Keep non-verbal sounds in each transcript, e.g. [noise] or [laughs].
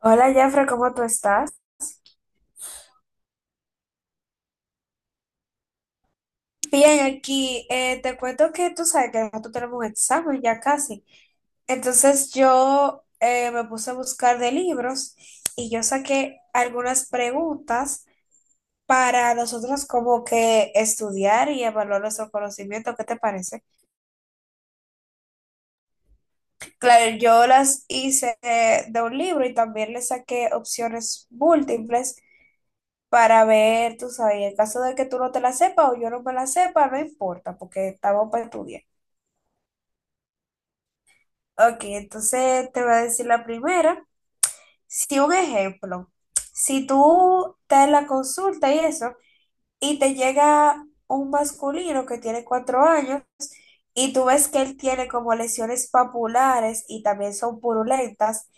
Hola, Jeffrey, ¿cómo tú estás? Bien, aquí te cuento que tú sabes que nosotros tenemos un examen ya casi. Entonces yo me puse a buscar de libros y yo saqué algunas preguntas para nosotros como que estudiar y evaluar nuestro conocimiento. ¿Qué te parece? Claro, yo las hice de un libro y también le saqué opciones múltiples para ver, tú sabes, en caso de que tú no te la sepas o yo no me la sepa, no importa porque estamos para estudiar. Ok, entonces te voy a decir la primera. Si un ejemplo, si tú te la consulta y eso, y te llega un masculino que tiene 4 años y tú ves que él tiene como lesiones papulares y también son purulentas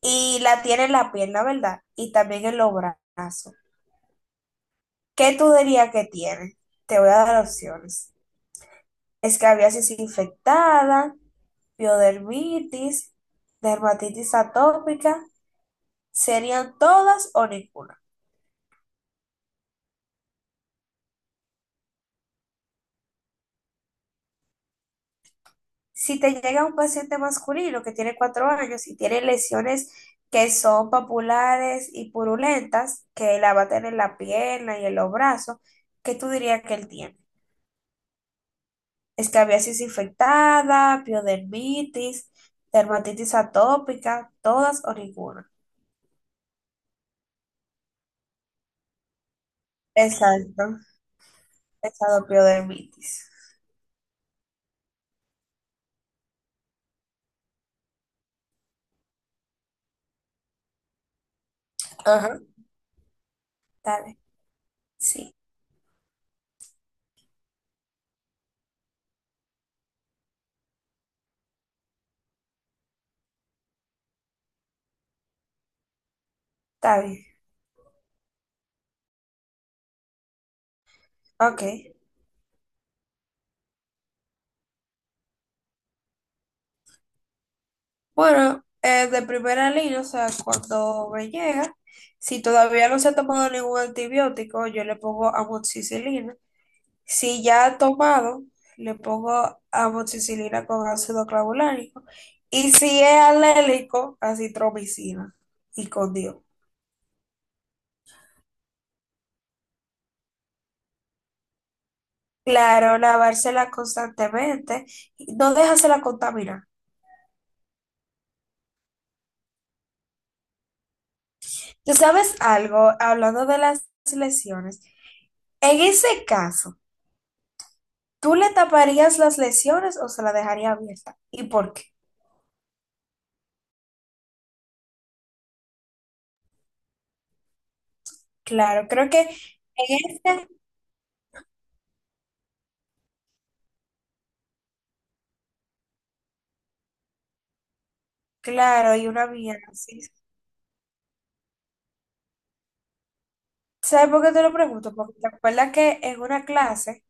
y la tiene en la pierna, ¿verdad? Y también en los brazos. ¿Qué tú dirías que tiene? Te voy a dar opciones. Escabiasis infectada, piodermitis, dermatitis atópica serían todas o ninguna. Si te llega un paciente masculino que tiene 4 años y tiene lesiones que son papulares y purulentas, que la va a tener en la pierna y en los brazos, ¿qué tú dirías que él tiene? Escabiasis infectada, piodermitis, dermatitis atópica, todas o ninguna. Exacto, esa piodermitis. Ajá, está bien, sí, está bien, ok. Bueno, de primera línea, o sea, cuando me llega, si todavía no se ha tomado ningún antibiótico, yo le pongo amoxicilina. Si ya ha tomado, le pongo amoxicilina con ácido clavulánico. Y si es alérgico, acitromicina y con Dios. Claro, lavársela constantemente, y no dejársela contaminar. ¿Tú sabes algo? Hablando de las lesiones, en ese caso, ¿tú le taparías las lesiones o se la dejaría abierta? ¿Y por qué? Claro, creo que en este, claro, y una mía, sí. ¿Sabes por qué te lo pregunto? Porque te acuerdas que en una clase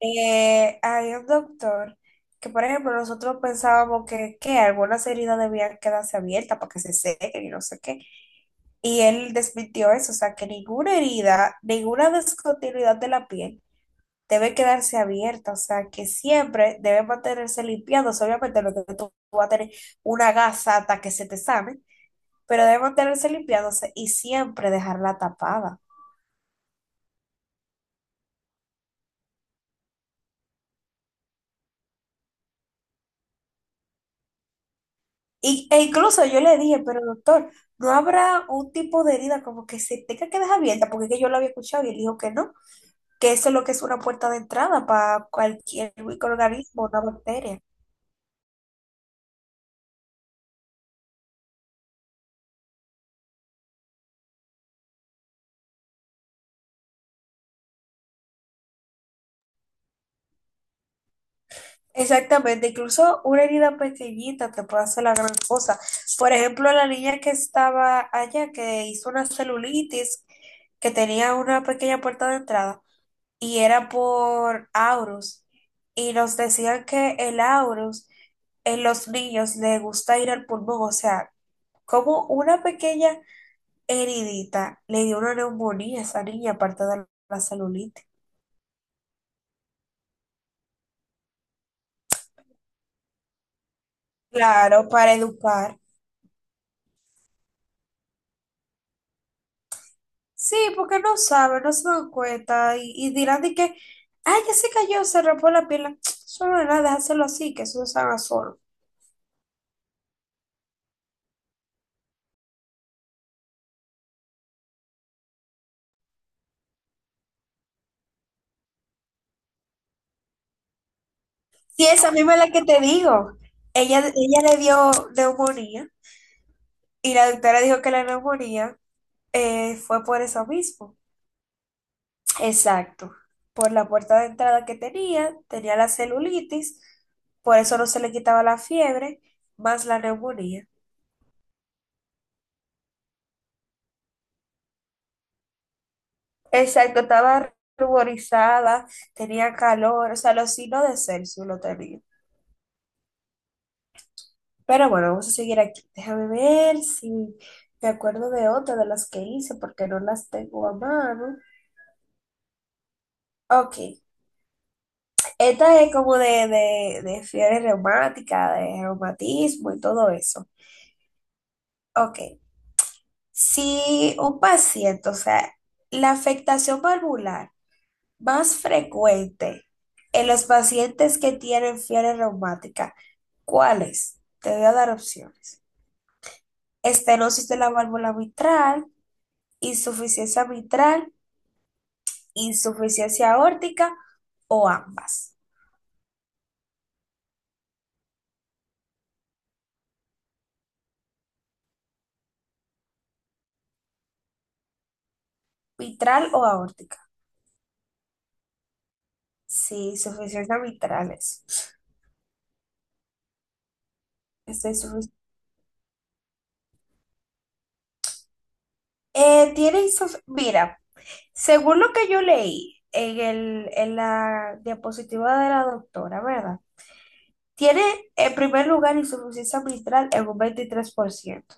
había un doctor que, por ejemplo, nosotros pensábamos que algunas heridas debían quedarse abiertas para que se sequen y no sé qué. Y él desmintió eso, o sea, que ninguna herida, ninguna descontinuidad de la piel debe quedarse abierta, o sea, que siempre debe mantenerse limpiándose, obviamente lo que tú vas a tener una gasa hasta que se te sane, pero debe mantenerse limpiándose y siempre dejarla tapada. Y, e incluso yo le dije, pero doctor, ¿no habrá un tipo de herida como que se tenga que dejar abierta? Porque es que yo lo había escuchado y él dijo que no, que eso es lo que es una puerta de entrada para cualquier microorganismo, una bacteria. Exactamente, incluso una herida pequeñita te puede hacer la gran cosa. Por ejemplo, la niña que estaba allá, que hizo una celulitis, que tenía una pequeña puerta de entrada, y era por aurus, y nos decían que el aurus en los niños le gusta ir al pulmón, o sea, como una pequeña heridita le dio una neumonía a esa niña, aparte de la celulitis. Claro, para educar. Sí, porque no saben, no se dan cuenta y dirán de que, ay, ya se cayó, se rompió la pierna. [tsk] Solo nada, déjaselo así, que eso se haga solo. Sí, esa misma es la que te digo. Ella le dio neumonía y la doctora dijo que la neumonía fue por eso mismo. Exacto. Por la puerta de entrada que tenía, tenía la celulitis, por eso no se le quitaba la fiebre, más la neumonía. Exacto, estaba ruborizada, tenía calor, o sea, los signos de Celsius lo tenía. Pero bueno, vamos a seguir aquí. Déjame ver si me acuerdo de otra de las que hice, porque no las tengo a mano. Ok, esta es como de fiebre reumática, de reumatismo y todo eso. Ok, si un paciente, o sea, la afectación valvular, más frecuente en los pacientes que tienen fiebre reumática. ¿Cuáles? Te voy a dar opciones. Estenosis de la válvula mitral, insuficiencia aórtica o ambas. Mitral o aórtica. Sí, insuficiencia mitral es. Esta insufic- Mira, según lo que yo leí en el, en la diapositiva de la doctora, ¿verdad? Tiene en primer lugar insuficiencia mitral en un 23%.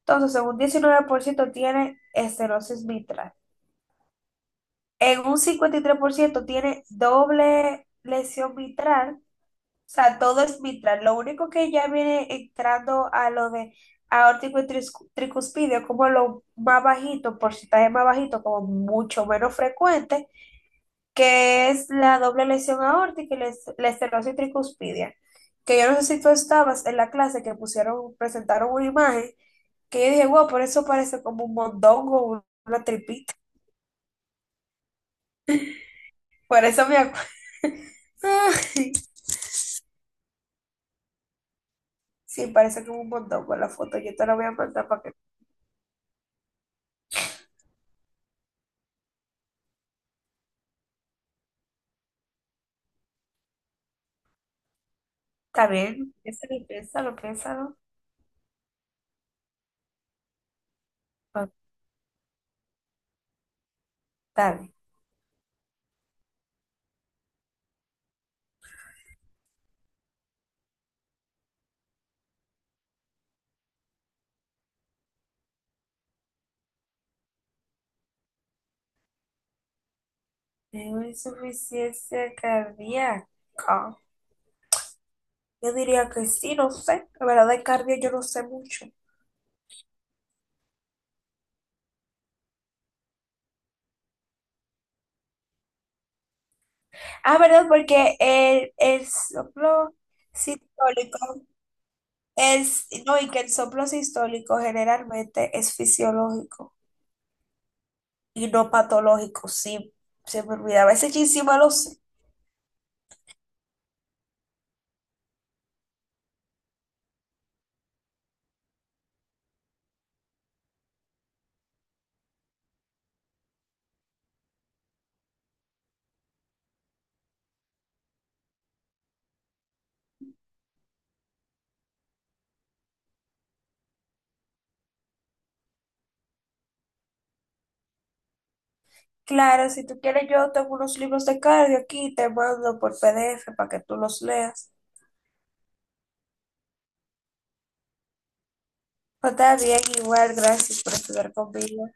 Entonces, en un 19% tiene estenosis mitral. En un 53% tiene doble lesión mitral. O sea, todo es mitral. Lo único que ya viene entrando a lo de aórtico y tricuspidio, como lo más bajito, porcentaje más bajito, como mucho menos frecuente, que es la doble lesión aórtica y la la estenosis tricuspidia. Que yo no sé si tú estabas en la clase que pusieron, presentaron una imagen, que yo dije, wow, por eso parece como un mondongo, una tripita. Por eso me acuerdo. [laughs] Sí, parece como un mondongo la foto. Yo te la voy a mandar para que... Está bien, piénsalo, piénsalo, piénsalo. Ah, está bien. Tengo insuficiencia cardíaca. Yo diría que sí, no sé. La verdad, de cardio yo no sé mucho. Ah, ¿verdad? Porque el soplo sistólico es, no, y que el soplo sistólico generalmente es fisiológico y no patológico. Sí, se me olvidaba. Ese chisme lo sé. Claro, si tú quieres, yo tengo unos libros de cardio aquí, te mando por PDF para que tú los leas. Pues está bien, igual, gracias por estudiar conmigo.